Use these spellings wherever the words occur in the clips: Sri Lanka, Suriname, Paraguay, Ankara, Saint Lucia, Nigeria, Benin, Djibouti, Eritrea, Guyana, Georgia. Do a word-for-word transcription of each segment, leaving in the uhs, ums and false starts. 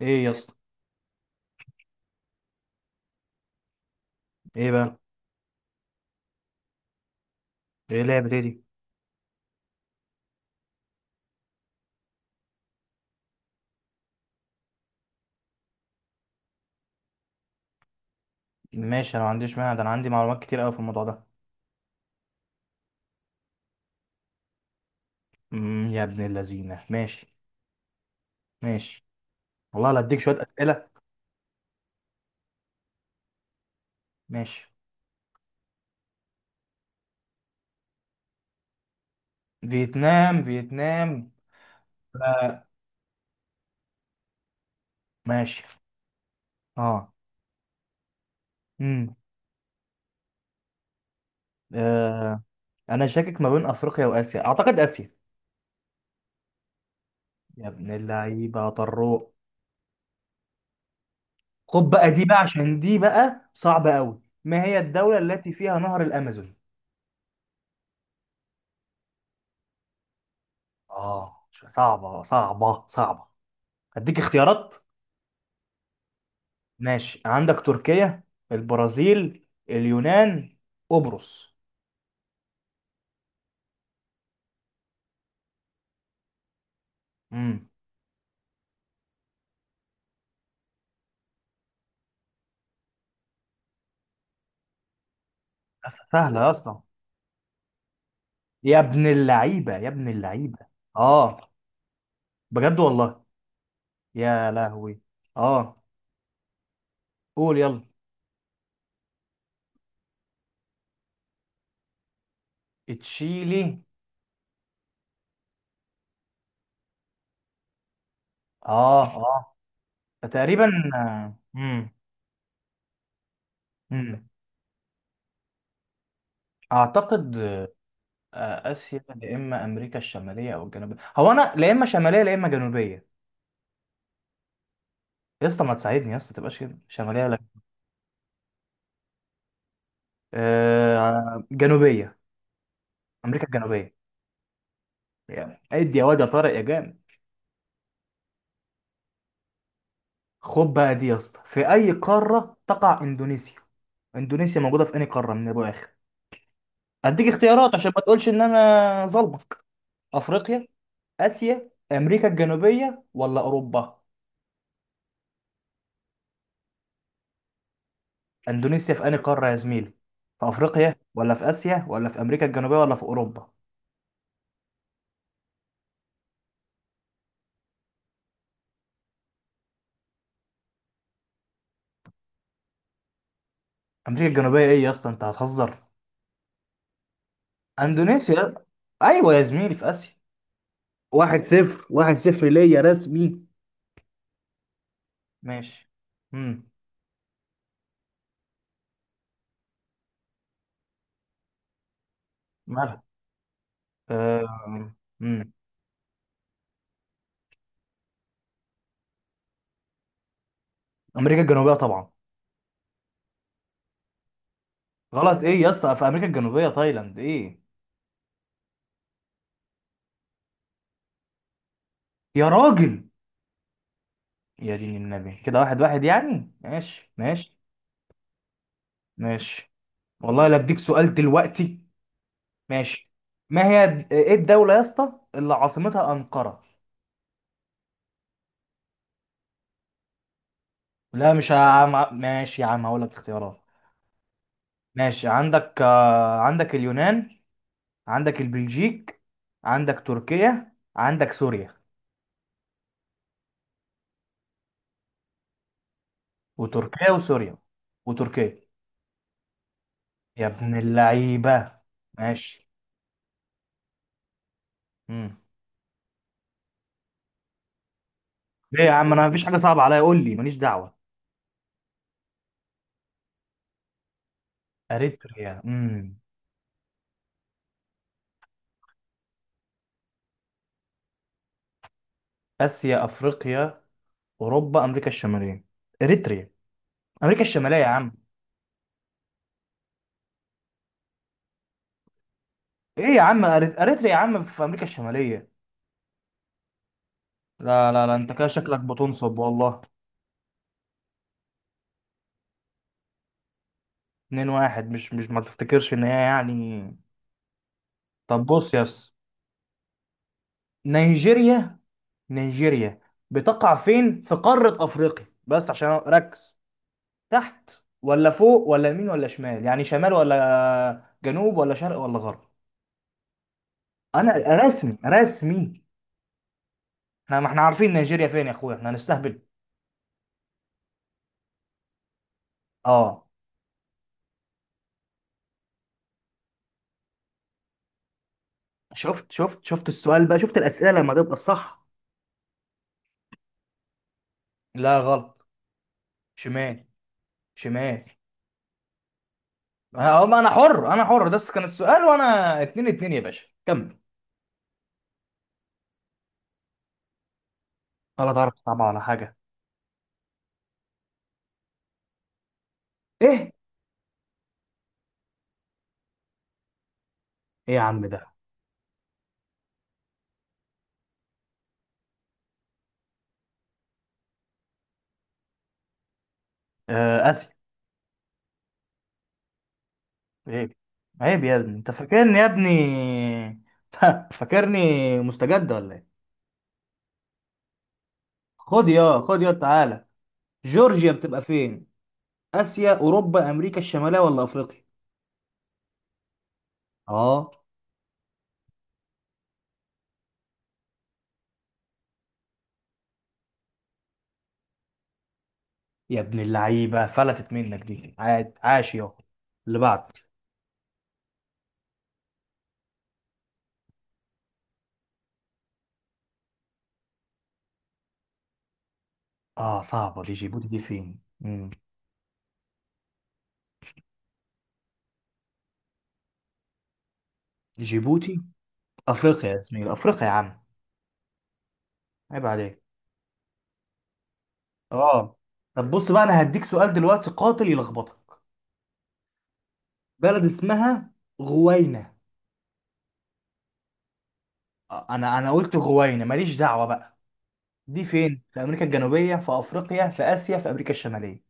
ايه يا اسطى. ايه بقى؟ ايه لعبة ايه دي؟ ماشي، انا ما عنديش مانع، ده انا عندي معلومات كتير قوي في الموضوع ده. امم يا ابن اللذينه، ماشي. ماشي، والله لا اديك شويه اسئله. ماشي. فيتنام، فيتنام. آه. ماشي. اه. امم آه. انا شاكك ما بين افريقيا واسيا، اعتقد اسيا. يا ابن اللعيبه يا طروق، خد بقى دي بقى، عشان دي بقى صعبه قوي. ما هي الدوله التي فيها نهر الامازون؟ اه، صعبه صعبه صعبه. اديك اختيارات؟ ماشي، عندك تركيا، البرازيل، اليونان، قبرص. امم سهلة يا اسطى. يا ابن اللعيبة، يا ابن اللعيبة. اه، بجد والله. يا لهوي. اه. قول يلا. تشيلي. اه، اه. تقريبا. امم امم اعتقد آه، اسيا، يا اما امريكا الشماليه او الجنوبيه. هو انا لا اما شماليه لا اما جنوبيه. يا اسطى ما تساعدني يا اسطى، تبقاش كده شماليه ولا. آه، جنوبيه. امريكا الجنوبيه. يعني ادي يا واد يا طارق يا جامد. خد بقى دي يا اسطى، في اي قاره تقع اندونيسيا؟ اندونيسيا موجوده في اي قاره من ابو اخر؟ اديك اختيارات عشان ما تقولش ان انا ظلمك. افريقيا، اسيا، امريكا الجنوبيه، ولا اوروبا؟ اندونيسيا في اي قاره يا زميلي؟ في افريقيا، ولا في اسيا، ولا في امريكا الجنوبيه، ولا في اوروبا؟ امريكا الجنوبيه؟ ايه يا اسطى، انت هتهزر؟ اندونيسيا؟ ايوه يا زميلي، في اسيا. واحد صفر، واحد صفر ليا رسمي. ماشي. امم مالها؟ أه... امريكا الجنوبيه طبعا. غلط ايه يا اسطى؟ في امريكا الجنوبيه تايلاند؟ ايه يا راجل؟ يا دين النبي، كده واحد واحد يعني. ماشي ماشي. ماشي، والله لا اديك سؤال دلوقتي. ماشي. ما هي د- ايه الدوله يا اسطى اللي عاصمتها انقره؟ لا مش عم... ماشي يا عم هقول لك اختيارات. ماشي، عندك آه، عندك اليونان، عندك البلجيك، عندك تركيا، عندك سوريا. وتركيا وسوريا. وتركيا. يا ابن اللعيبه. ماشي. مم. ليه يا عم؟ انا مفيش حاجه صعبه عليا، قول لي ماليش دعوه. اريتريا؟ امم اسيا، افريقيا، اوروبا، امريكا الشماليه؟ اريتريا، امريكا الشماليه يا عم. ايه يا عم؟ أريت- اريتريا يا عم في امريكا الشماليه. لا لا لا، انت كده شكلك بتنصب والله. اتنين واحد. مش مش ما تفتكرش ان هي يعني. طب بص، يس. نيجيريا. نيجيريا بتقع فين في قاره افريقيا؟ بس عشان ركز، تحت ولا فوق ولا يمين ولا شمال، يعني شمال ولا جنوب ولا شرق ولا غرب؟ انا رسمي رسمي. احنا ما احنا عارفين نيجيريا فين يا اخويا؟ احنا هنستهبل؟ اه. شفت شفت شفت السؤال بقى، شفت الاسئله لما تبقى الصح؟ لا، غلط. شمال. شمال. انا أم- انا حر انا حر، ده كان السؤال وانا. اتنين اتنين يا باشا، كمل. ولا تعرف طبعا على حاجه. ايه؟ ايه يا عم ده؟ آه، اسف. عيب، عيب يا ابني، انت فاكرني يا ابني فاكرني؟ مستجد ولا ايه؟ خد يا، خد يا، تعالى. جورجيا بتبقى فين؟ اسيا، اوروبا، امريكا الشماليه، ولا افريقيا؟ اه. يا ابن اللعيبه، فلتت منك دي، عاد، عاش يا. اللي بعد. اه، صعبه دي. جيبوتي دي فين؟ مم. جيبوتي. افريقيا يا زميلي، افريقيا يا عم. عيب عليك. اه. طب بص بقى، انا هديك سؤال دلوقتي قاتل يلخبطك. بلد اسمها غوينا. آه، انا انا قلت غوينا، ماليش دعوه بقى. دي فين؟ في امريكا الجنوبيه، في افريقيا، في اسيا، في امريكا الشماليه؟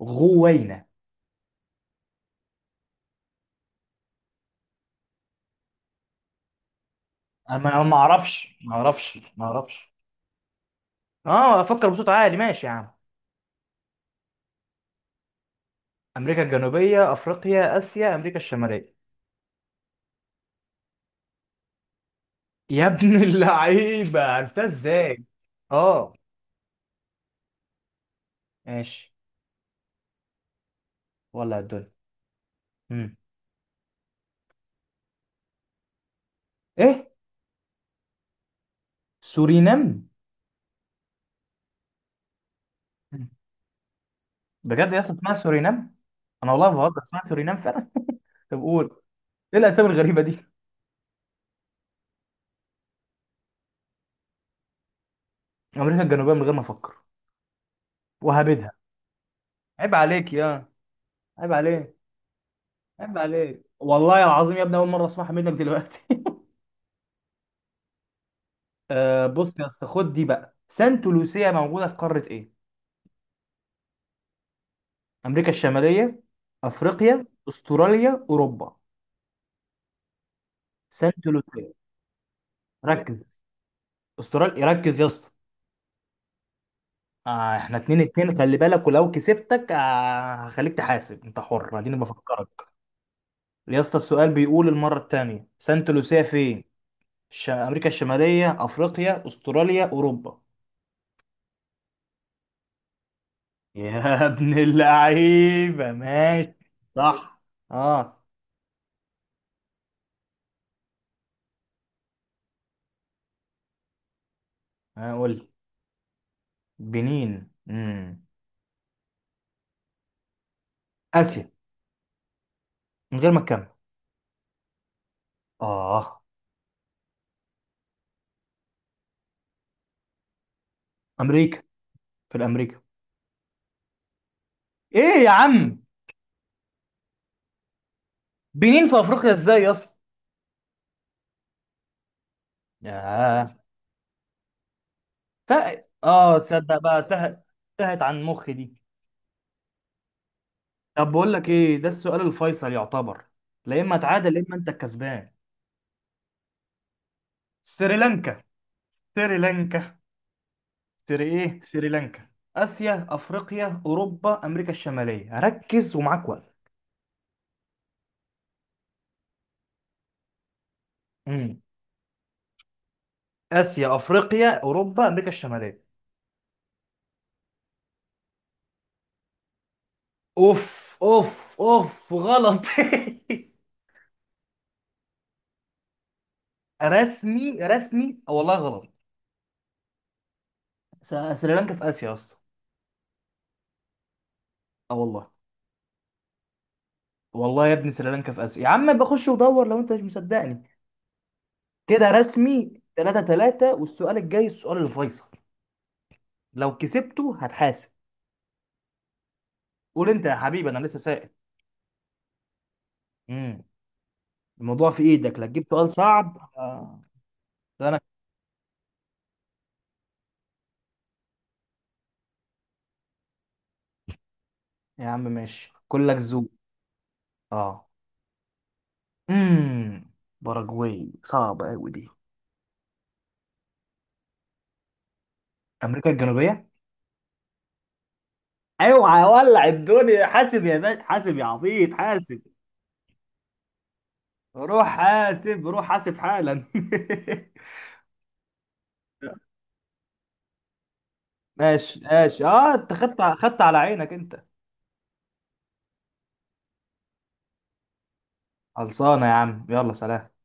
غوينا. انا ما أنا ما اعرفش، ما اعرفش، ما اعرفش. اه، افكر بصوت عالي. ماشي يا عم. امريكا الجنوبيه، افريقيا، اسيا، امريكا الشماليه؟ يا ابن اللعيبه، عرفتها ازاي؟ اه. ماشي. ولا الدنيا. مم. ايه؟ سورينام. مم. بجد يا اسطى اسمها سورينام؟ انا والله ما بهزر، اسمها سورينام فعلا. طب قول. ايه الاسامي الغريبه دي؟ امريكا الجنوبيه من غير ما افكر، وهبدها. عيب عليك يا، عيب عليك. عيب عليك والله العظيم يا ابني، اول مره اسمعها منك دلوقتي. آه، بص يا اسطى، خد دي بقى. سانت لوسيا موجوده في قاره ايه؟ أمريكا الشمالية، أفريقيا، أستراليا، أوروبا؟ سانت لوسيا. ركز. أستراليا. ركز يا اسطى. آه، احنا اتنين اتنين، خلي بالك، ولو كسبتك آه هخليك تحاسب، انت حر، اديني بفكرك. يا اسطى، السؤال بيقول المرة التانية، سانت لوسيا فين؟ الش- أمريكا الشمالية، أفريقيا، أستراليا، أوروبا؟ يا ابن اللعيبة، ماشي. صح. اه. هقول بنين. امم آسيا، من غير ما تكمل. اه. أمريكا. في الأمريكا. ايه يا عم؟ بنين في افريقيا ازاي يا اسطى؟ ياه. ف... اه، تصدق بقى تهت. تهت عن مخي دي. طب بقول لك ايه، ده السؤال الفيصل يعتبر، لا اما تعادل لا اما انت الكسبان. سريلانكا. سريلانكا. سري ايه؟ سريلانكا. اسيا، افريقيا، اوروبا، امريكا الشماليه؟ ركز ومعاك وقت. مم. اسيا، افريقيا، اوروبا، امريكا الشماليه. اوف اوف اوف، غلط. رسمي رسمي والله، غلط. س- سريلانكا في اسيا اصلا. اه والله. والله يا ابني سريلانكا في اسيا، يا عم بخش ودور لو انت مش مصدقني. كده رسمي تلاتة 3، والسؤال الجاي السؤال الفيصل، لو كسبته هتحاسب. قول انت يا حبيبي، انا لسه سائل. امم الموضوع في ايدك، لا تجيب سؤال صعب. آه. لا انا. يا عم ماشي، كلك ذوق. اه. امم باراجواي، صعبه قوي دي. امريكا الجنوبيه. اوعى ولع الدنيا، حاسب يا باشا، حاسب يا عبيط، حاسب. روح حاسب، روح حاسب حالا. ماشي ماشي. اه، انت خدت خدت على عينك انت. خلصانه يا عم، يلا سلام.